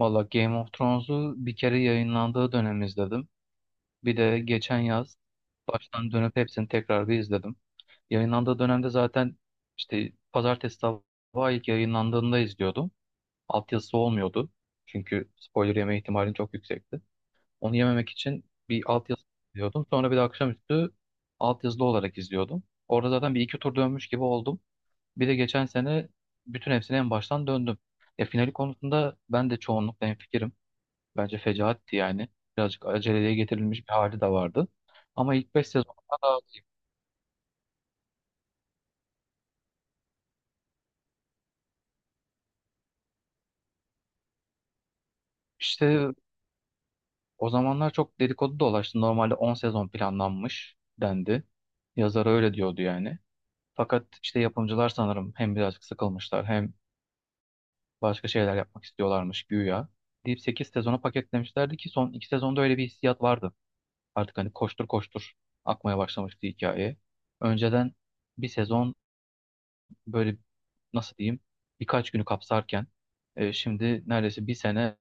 Valla Game of Thrones'u bir kere yayınlandığı dönem izledim. Bir de geçen yaz baştan dönüp hepsini tekrar bir izledim. Yayınlandığı dönemde zaten işte pazartesi sabahı ilk yayınlandığında izliyordum. Altyazısı olmuyordu. Çünkü spoiler yeme ihtimalin çok yüksekti. Onu yememek için bir altyazı izliyordum. Sonra bir de akşamüstü altyazılı olarak izliyordum. Orada zaten bir iki tur dönmüş gibi oldum. Bir de geçen sene bütün hepsini en baştan döndüm. E, finali konusunda ben de çoğunlukla hemfikirim. Bence fecaatti yani. Birazcık aceleye getirilmiş bir hali de vardı. Ama ilk 5 sezonda da işte o zamanlar çok dedikodu dolaştı. Normalde 10 sezon planlanmış dendi. Yazarı öyle diyordu yani. Fakat işte yapımcılar sanırım hem birazcık sıkılmışlar hem başka şeyler yapmak istiyorlarmış güya. Deyip 8 sezona paketlemişlerdi ki son 2 sezonda öyle bir hissiyat vardı. Artık hani koştur koştur akmaya başlamıştı hikaye. Önceden bir sezon böyle nasıl diyeyim birkaç günü kapsarken şimdi neredeyse bir sene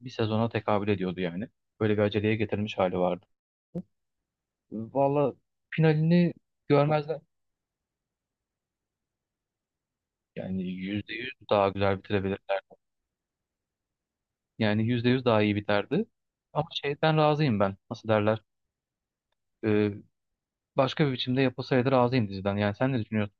bir sezona tekabül ediyordu yani. Böyle bir aceleye getirilmiş hali vardı. Valla finalini görmezler. Yani %100 daha güzel bitirebilirler. Yani %100 daha iyi biterdi. Ama şeyden razıyım ben. Nasıl derler? E, başka bir biçimde yapılsaydı razıyım diziden. Yani sen ne düşünüyorsun?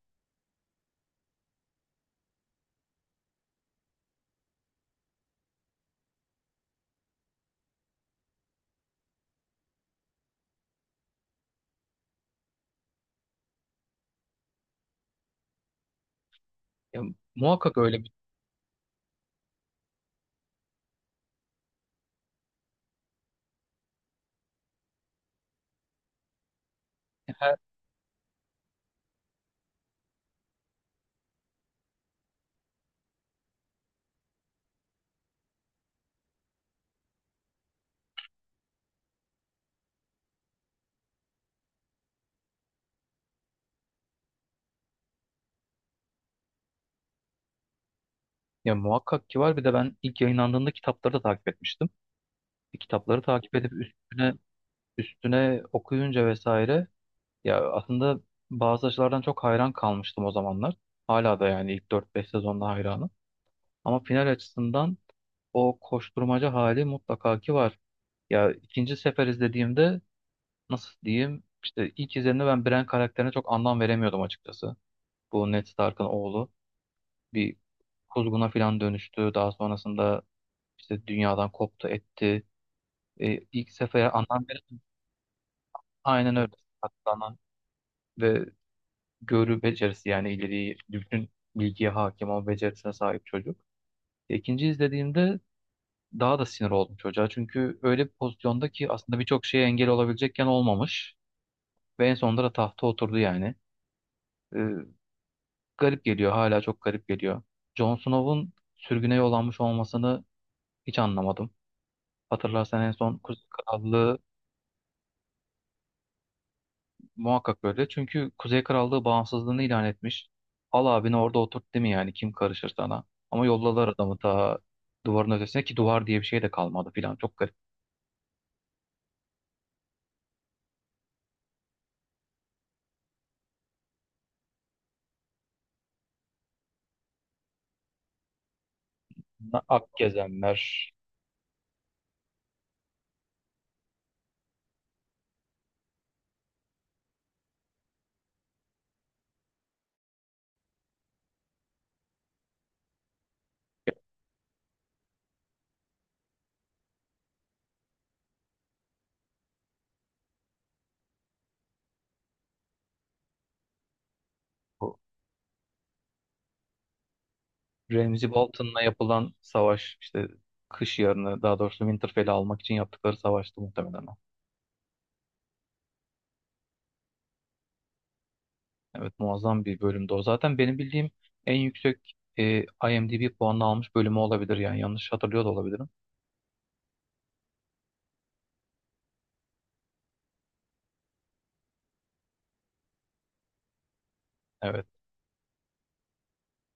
Ya, muhakkak öyle bir her, ya muhakkak ki var. Bir de ben ilk yayınlandığında kitapları da takip etmiştim. E, kitapları takip edip üstüne üstüne okuyunca vesaire ya aslında bazı açılardan çok hayran kalmıştım o zamanlar. Hala da yani ilk dört beş sezonda hayranım. Ama final açısından o koşturmaca hali mutlaka ki var. Ya ikinci sefer izlediğimde nasıl diyeyim işte ilk izlediğimde ben Bran karakterine çok anlam veremiyordum açıkçası. Bu Ned Stark'ın oğlu bir kuzguna falan dönüştü. Daha sonrasında işte dünyadan koptu etti. E, ilk sefer anlam veremedim. Aynen öyle. Hatta ve görü becerisi yani ileriyi bütün bilgiye hakim olma becerisine sahip çocuk. İkinci izlediğimde daha da sinir oldum çocuğa. Çünkü öyle bir pozisyonda ki aslında birçok şeye engel olabilecekken olmamış. Ve en sonunda da tahta oturdu yani. Ee, garip geliyor, hala çok garip geliyor. Jon Snow'un sürgüne yollanmış olmasını hiç anlamadım. Hatırlarsan en son Kuzey Krallığı muhakkak böyle. Çünkü Kuzey Krallığı bağımsızlığını ilan etmiş. Al abini orada oturt, değil mi? Yani kim karışır sana? Ama yolladılar adamı ta duvarın ötesine, ki duvar diye bir şey de kalmadı filan. Çok garip. Ak gezenler. Bu Ramsay Bolton'la yapılan savaş işte, kış yarını, daha doğrusu Winterfell'i almak için yaptıkları savaştı muhtemelen o. Evet, muazzam bir bölümdü o. Zaten benim bildiğim en yüksek IMDb puanını almış bölümü olabilir, yani yanlış hatırlıyor da olabilirim. Evet.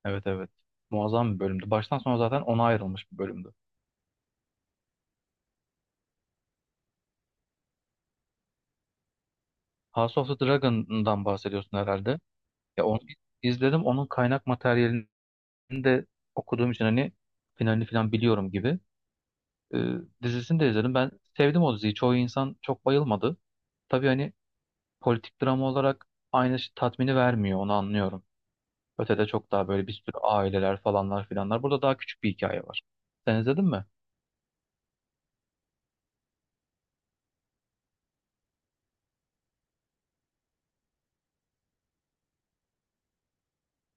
Evet, evet. Muazzam bir bölümdü. Baştan sona zaten ona ayrılmış bir bölümdü. House of the Dragon'dan bahsediyorsun herhalde. Ya onu izledim. Onun kaynak materyalini de okuduğum için hani finalini falan biliyorum gibi. Ee, dizisini de izledim. Ben sevdim o diziyi. Çoğu insan çok bayılmadı. Tabii hani politik drama olarak aynı şey- tatmini vermiyor. Onu anlıyorum. Ötede çok daha böyle bir sürü aileler falanlar filanlar. Burada daha küçük bir hikaye var. Sen izledin mi?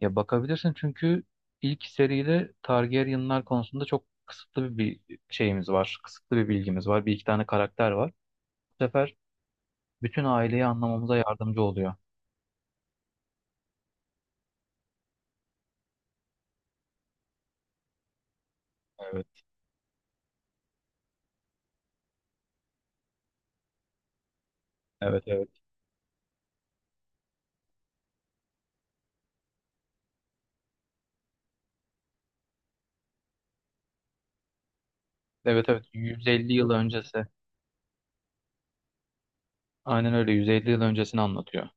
Ya bakabilirsin, çünkü ilk seride Targaryen'lar konusunda çok kısıtlı bir şeyimiz var. Kısıtlı bir bilgimiz var. Bir iki tane karakter var. Bu sefer bütün aileyi anlamamıza yardımcı oluyor. Evet, evet, evet. Evet, evet, 150 yıl öncesi. Aynen öyle, 150 yıl öncesini anlatıyor.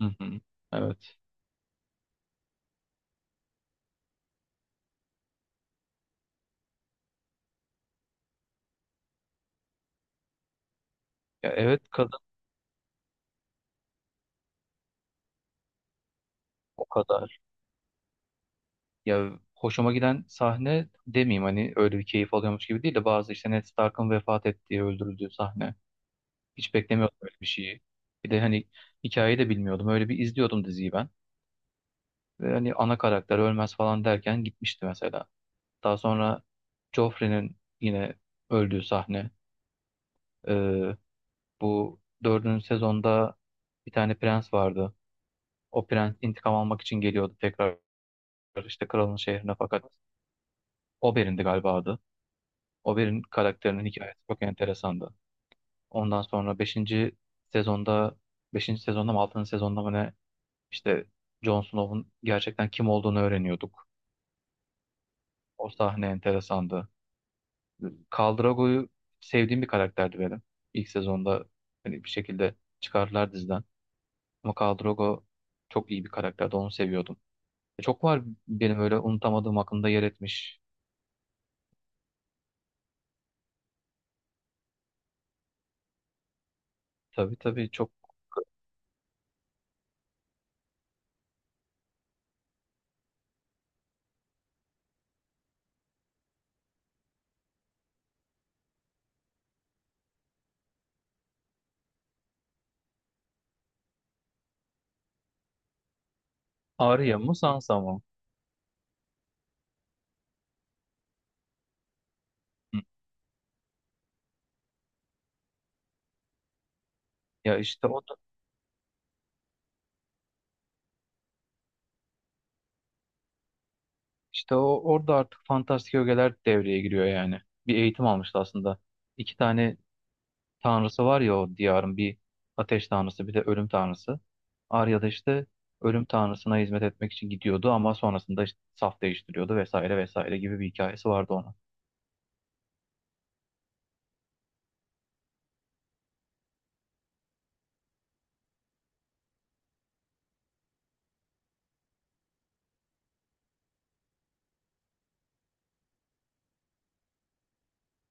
Hı hı. Evet. Ya evet, kadın o kadar. Ya hoşuma giden sahne demeyeyim, hani öyle bir keyif alıyormuş gibi değil de bazı işte Ned Stark'ın vefat ettiği, öldürüldüğü sahne. Hiç beklemiyordum öyle bir şeyi. Bir de hani hikayeyi de bilmiyordum. Öyle bir izliyordum diziyi ben. Ve hani ana karakter ölmez falan derken gitmişti mesela. Daha sonra Joffrey'nin yine öldüğü sahne. Ee, bu dördüncü sezonda bir tane prens vardı. O prens intikam almak için geliyordu tekrar işte kralın şehrine, fakat Oberyn'di galiba adı. Oberyn karakterinin hikayesi çok enteresandı. Ondan sonra sezonda beşinci sezonda mı altıncı sezonda mı ne. İşte Jon Snow'un gerçekten kim olduğunu öğreniyorduk. O sahne enteresandı. Khal Drogo'yu, sevdiğim bir karakterdi benim. İlk sezonda hani bir şekilde çıkardılar diziden. Ama Khal Drogo çok iyi bir karakterdi. Onu seviyordum. Çok var benim öyle unutamadığım, aklımda yer etmiş. Tabii tabii, çok. Arya mı, Sansa mı? Hı. Ya işte o orada artık fantastik ögeler devreye giriyor yani. Bir eğitim almıştı aslında. İki tane tanrısı var ya o diyarın: bir ateş tanrısı, bir de ölüm tanrısı. Arya da işte ölüm tanrısına hizmet etmek için gidiyordu, ama sonrasında işte saf değiştiriyordu vesaire vesaire gibi bir hikayesi vardı ona.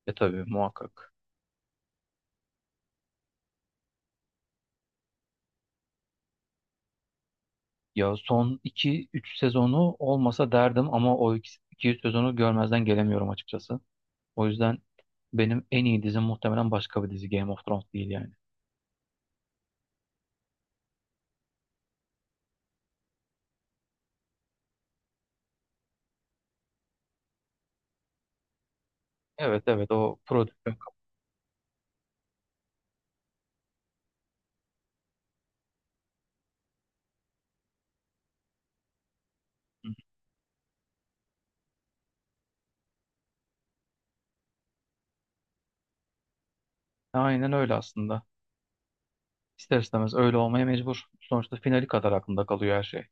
E tabii, muhakkak. Ya son iki üç sezonu olmasa derdim, ama o iki 3 sezonu görmezden gelemiyorum açıkçası. O yüzden benim en iyi dizim muhtemelen başka bir dizi, Game of Thrones değil yani. Evet, evet, o prodüksiyon. Aynen öyle aslında. İster istemez öyle olmaya mecbur. Sonuçta finali kadar aklında kalıyor her şey.